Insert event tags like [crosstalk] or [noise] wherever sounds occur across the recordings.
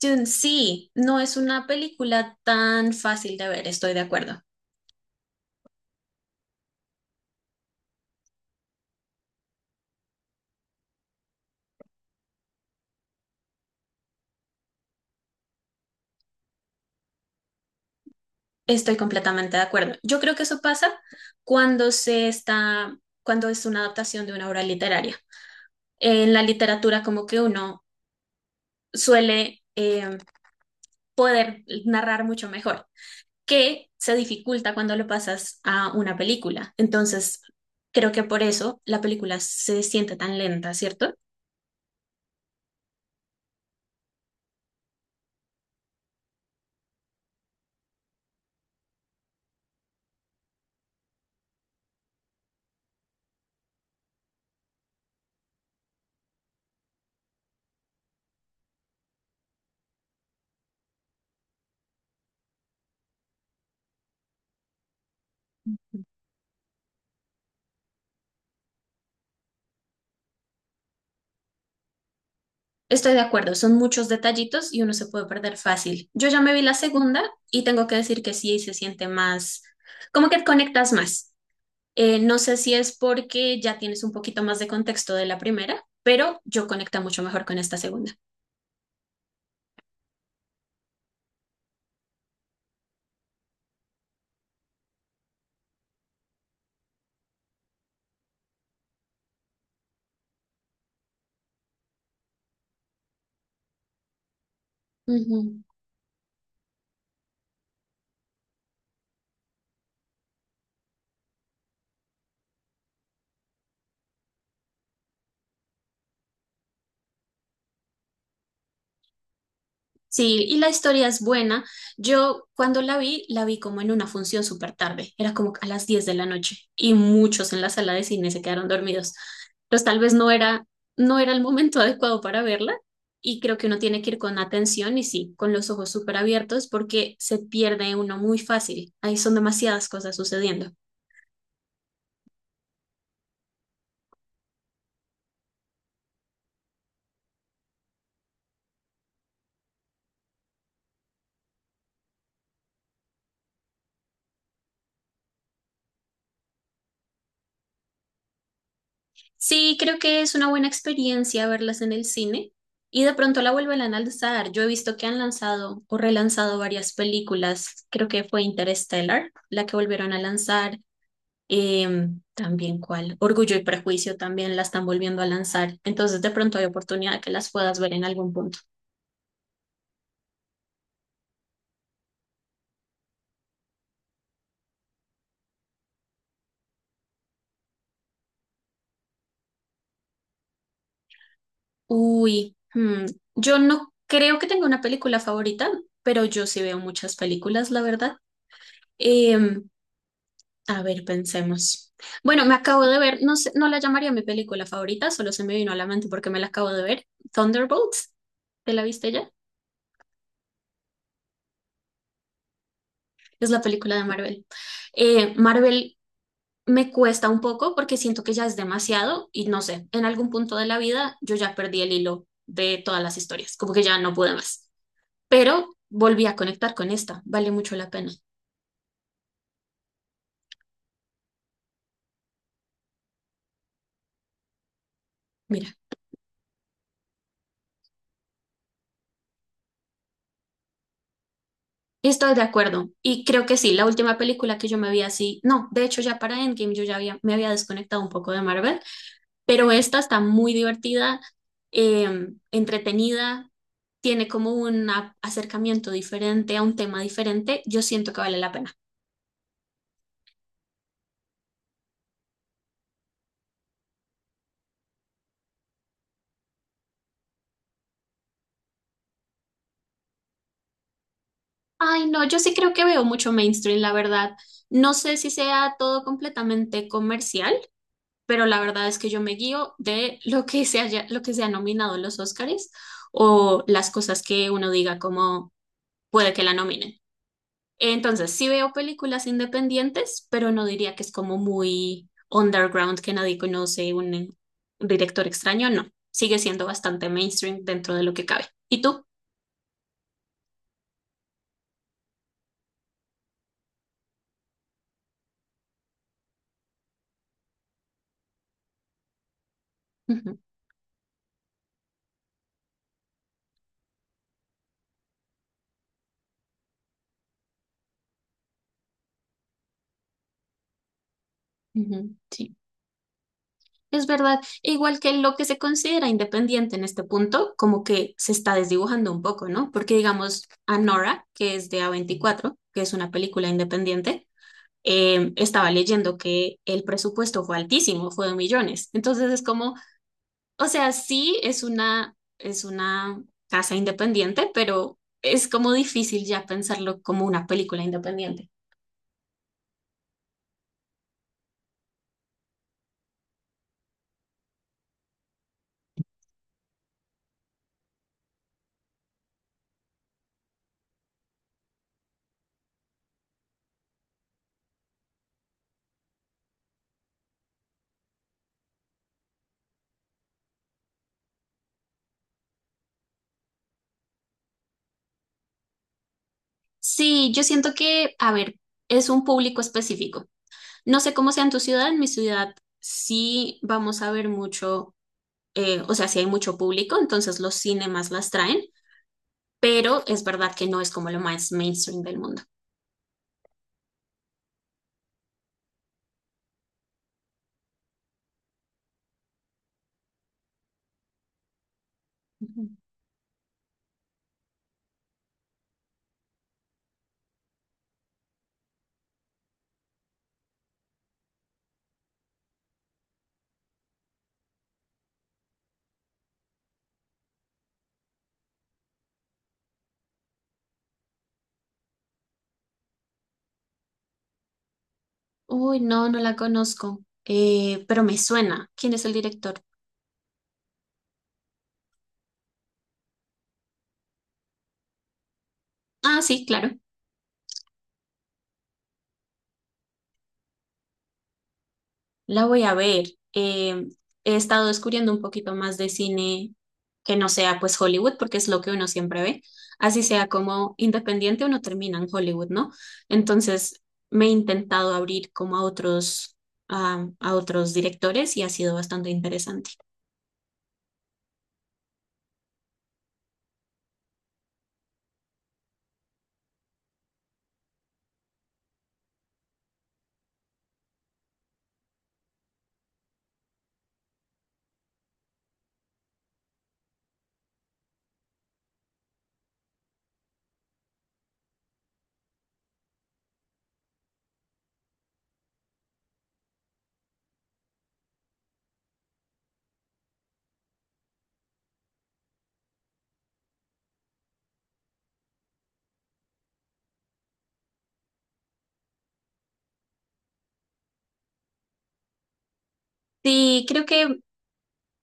Dune, sí, no es una película tan fácil de ver, estoy de acuerdo. Estoy completamente de acuerdo. Yo creo que eso pasa cuando se está, cuando es una adaptación de una obra literaria. En la literatura, como que uno suele poder narrar mucho mejor, que se dificulta cuando lo pasas a una película. Entonces, creo que por eso la película se siente tan lenta, ¿cierto? Estoy de acuerdo, son muchos detallitos y uno se puede perder fácil. Yo ya me vi la segunda y tengo que decir que sí, se siente como que conectas más. No sé si es porque ya tienes un poquito más de contexto de la primera, pero yo conecta mucho mejor con esta segunda. Ujú. Sí, y la historia es buena. Yo cuando la vi como en una función súper tarde, era como a las 10 de la noche y muchos en la sala de cine se quedaron dormidos. Entonces tal vez no era, no era el momento [laughs] adecuado para verla, y creo que uno tiene que ir con atención y sí, con los ojos súper abiertos porque se pierde uno muy fácil. Ahí son demasiadas cosas sucediendo. Sí, creo que es una buena experiencia verlas en el cine, y de pronto la vuelven a lanzar. Yo he visto que han lanzado o relanzado varias películas. Creo que fue Interstellar la que volvieron a lanzar. También cuál, Orgullo y Prejuicio también la están volviendo a lanzar. Entonces de pronto hay oportunidad de que las puedas ver en algún punto. Uy, hmm, yo no creo que tenga una película favorita, pero yo sí veo muchas películas, la verdad. Em, A ver, pensemos. Bueno, me acabo de ver, no sé, no la llamaría mi película favorita, solo se me vino a la mente porque me la acabo de ver. Thunderbolts, ¿te la viste ya? Es la película de Marvel. Marvel me cuesta un poco porque siento que ya es demasiado y no sé, en algún punto de la vida yo ya perdí el hilo de todas las historias, como que ya no pude más. Pero volví a conectar con esta, vale mucho la pena. Mira. Estoy de acuerdo. Y creo que sí, la última película que yo me vi así, no, de hecho ya para Endgame yo ya me había desconectado un poco de Marvel, pero esta está muy divertida, entretenida, tiene como un acercamiento diferente a un tema diferente. Yo siento que vale la pena. Ay, no, yo sí creo que veo mucho mainstream, la verdad. No sé si sea todo completamente comercial, pero la verdad es que yo me guío de lo que se ha nominado en los Oscars, o las cosas que uno diga como puede que la nominen. Entonces, sí veo películas independientes, pero no diría que es como muy underground, que nadie conoce, director extraño, no. Sigue siendo bastante mainstream dentro de lo que cabe. ¿Y tú? Ujú, ujú, sí, es verdad. Igual que lo que se considera independiente en este punto, como que se está desdibujando un poco, ¿no? Porque digamos, Anora, que es de a 24, que es una película independiente, estaba leyendo que el presupuesto fue altísimo, fue de millones. Entonces es como, o sea, es una casa independiente, pero es como difícil ya pensarlo como una película independiente. Sí, yo siento que, a ver, es un público específico. No sé cómo sea en tu ciudad, en mi ciudad sí vamos a ver mucho, o sea, sí hay mucho público, entonces los cinemas las traen, pero es verdad que no es como lo más mainstream del mundo. Ujú. Uy, no, no la conozco, pero me suena. ¿Quién es el director? Ah, sí, claro. La voy a ver. Eh, He estado descubriendo un poquito más de cine que no sea pues Hollywood, porque es lo que uno siempre ve. Así sea como independiente, uno termina en Hollywood, ¿no? Entonces me he intentado abrir como a a otros directores y ha sido bastante interesante. Sí, creo que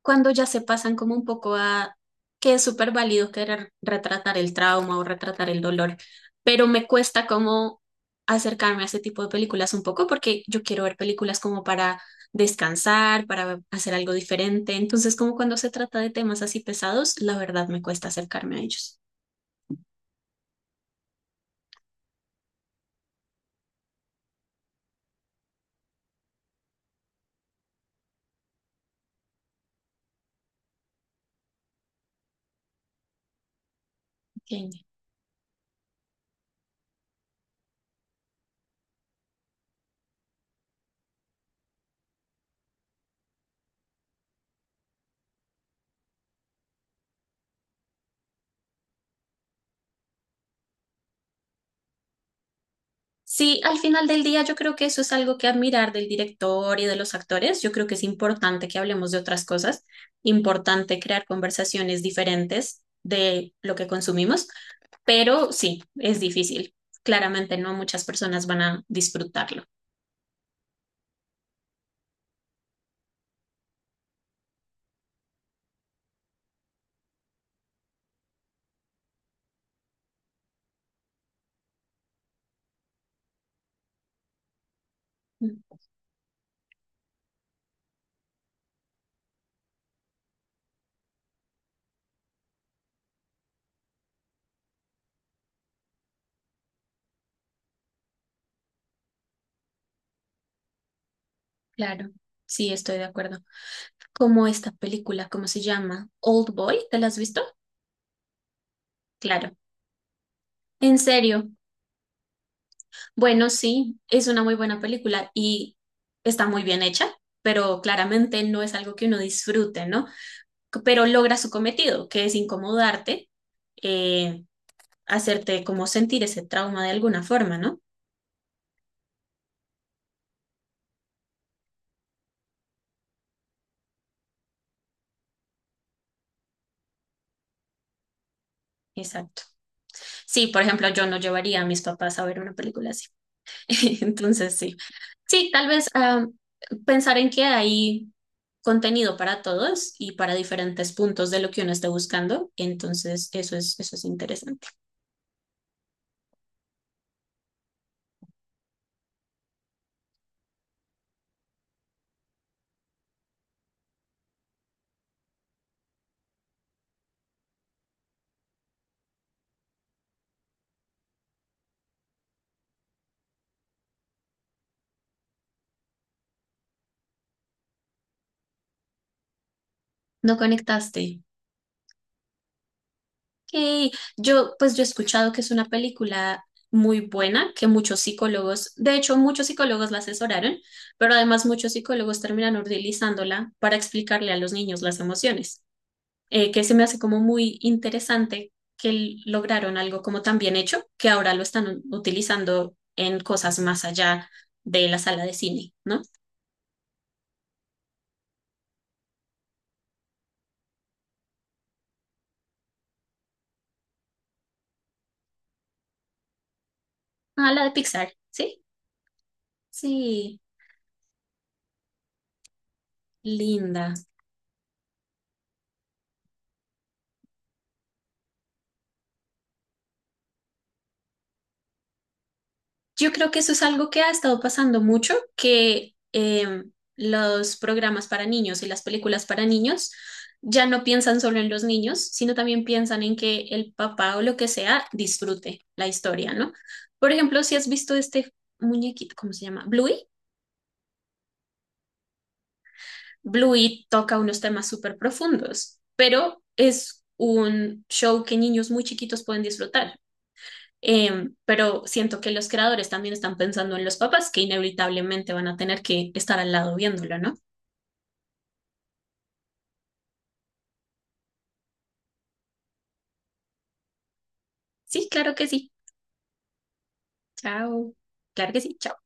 cuando ya se pasan como un poco a que es súper válido querer retratar el trauma o retratar el dolor, pero me cuesta como acercarme a ese tipo de películas un poco porque yo quiero ver películas como para descansar, para hacer algo diferente. Entonces, como cuando se trata de temas así pesados, la verdad me cuesta acercarme a ellos. Ok. Sí, al final del día yo creo que eso es algo que admirar del director y de los actores. Yo creo que es importante que hablemos de otras cosas, importante crear conversaciones diferentes de lo que consumimos, pero sí, es difícil. Claramente no muchas personas van a disfrutarlo. Mm, claro, sí, estoy de acuerdo. Como esta película, ¿cómo se llama? Old Boy, ¿te la has visto? Claro. En serio. Bueno, sí, es una muy buena película y está muy bien hecha, pero claramente no es algo que uno disfrute, ¿no? Pero logra su cometido, que es incomodarte, eh, hacerte como sentir ese trauma de alguna forma, ¿no? Exacto. Sí, por ejemplo, yo no llevaría a mis papás a ver una película así. [laughs] Entonces, sí. Sí, tal vez ah, pensar en que hay contenido para todos y para diferentes puntos de lo que uno esté buscando. Entonces, eso es interesante. No conectaste. Ok. Yo, pues yo he escuchado que es una película muy buena, que muchos psicólogos, de hecho, muchos psicólogos la asesoraron, pero además muchos psicólogos terminan utilizándola para explicarle a los niños las emociones, que se me hace como muy interesante que lograron algo como tan bien hecho, que ahora lo están utilizando en cosas más allá de la sala de cine, ¿no? Ah, la de Pixar, ¿sí? Sí, linda. Yo creo que eso es algo que ha estado pasando mucho, que los programas para niños y las películas para niños ya no piensan solo en los niños, sino también piensan en que el papá o lo que sea disfrute la historia, ¿no? Por ejemplo, si has visto este muñequito, ¿cómo se llama? Bluey. Bluey toca unos temas súper profundos, pero es un show que niños muy chiquitos pueden disfrutar. Pero siento que los creadores también están pensando en los papás que inevitablemente van a tener que estar al lado viéndolo, ¿no? Sí, claro que sí. Chao. Claro que sí. Chao.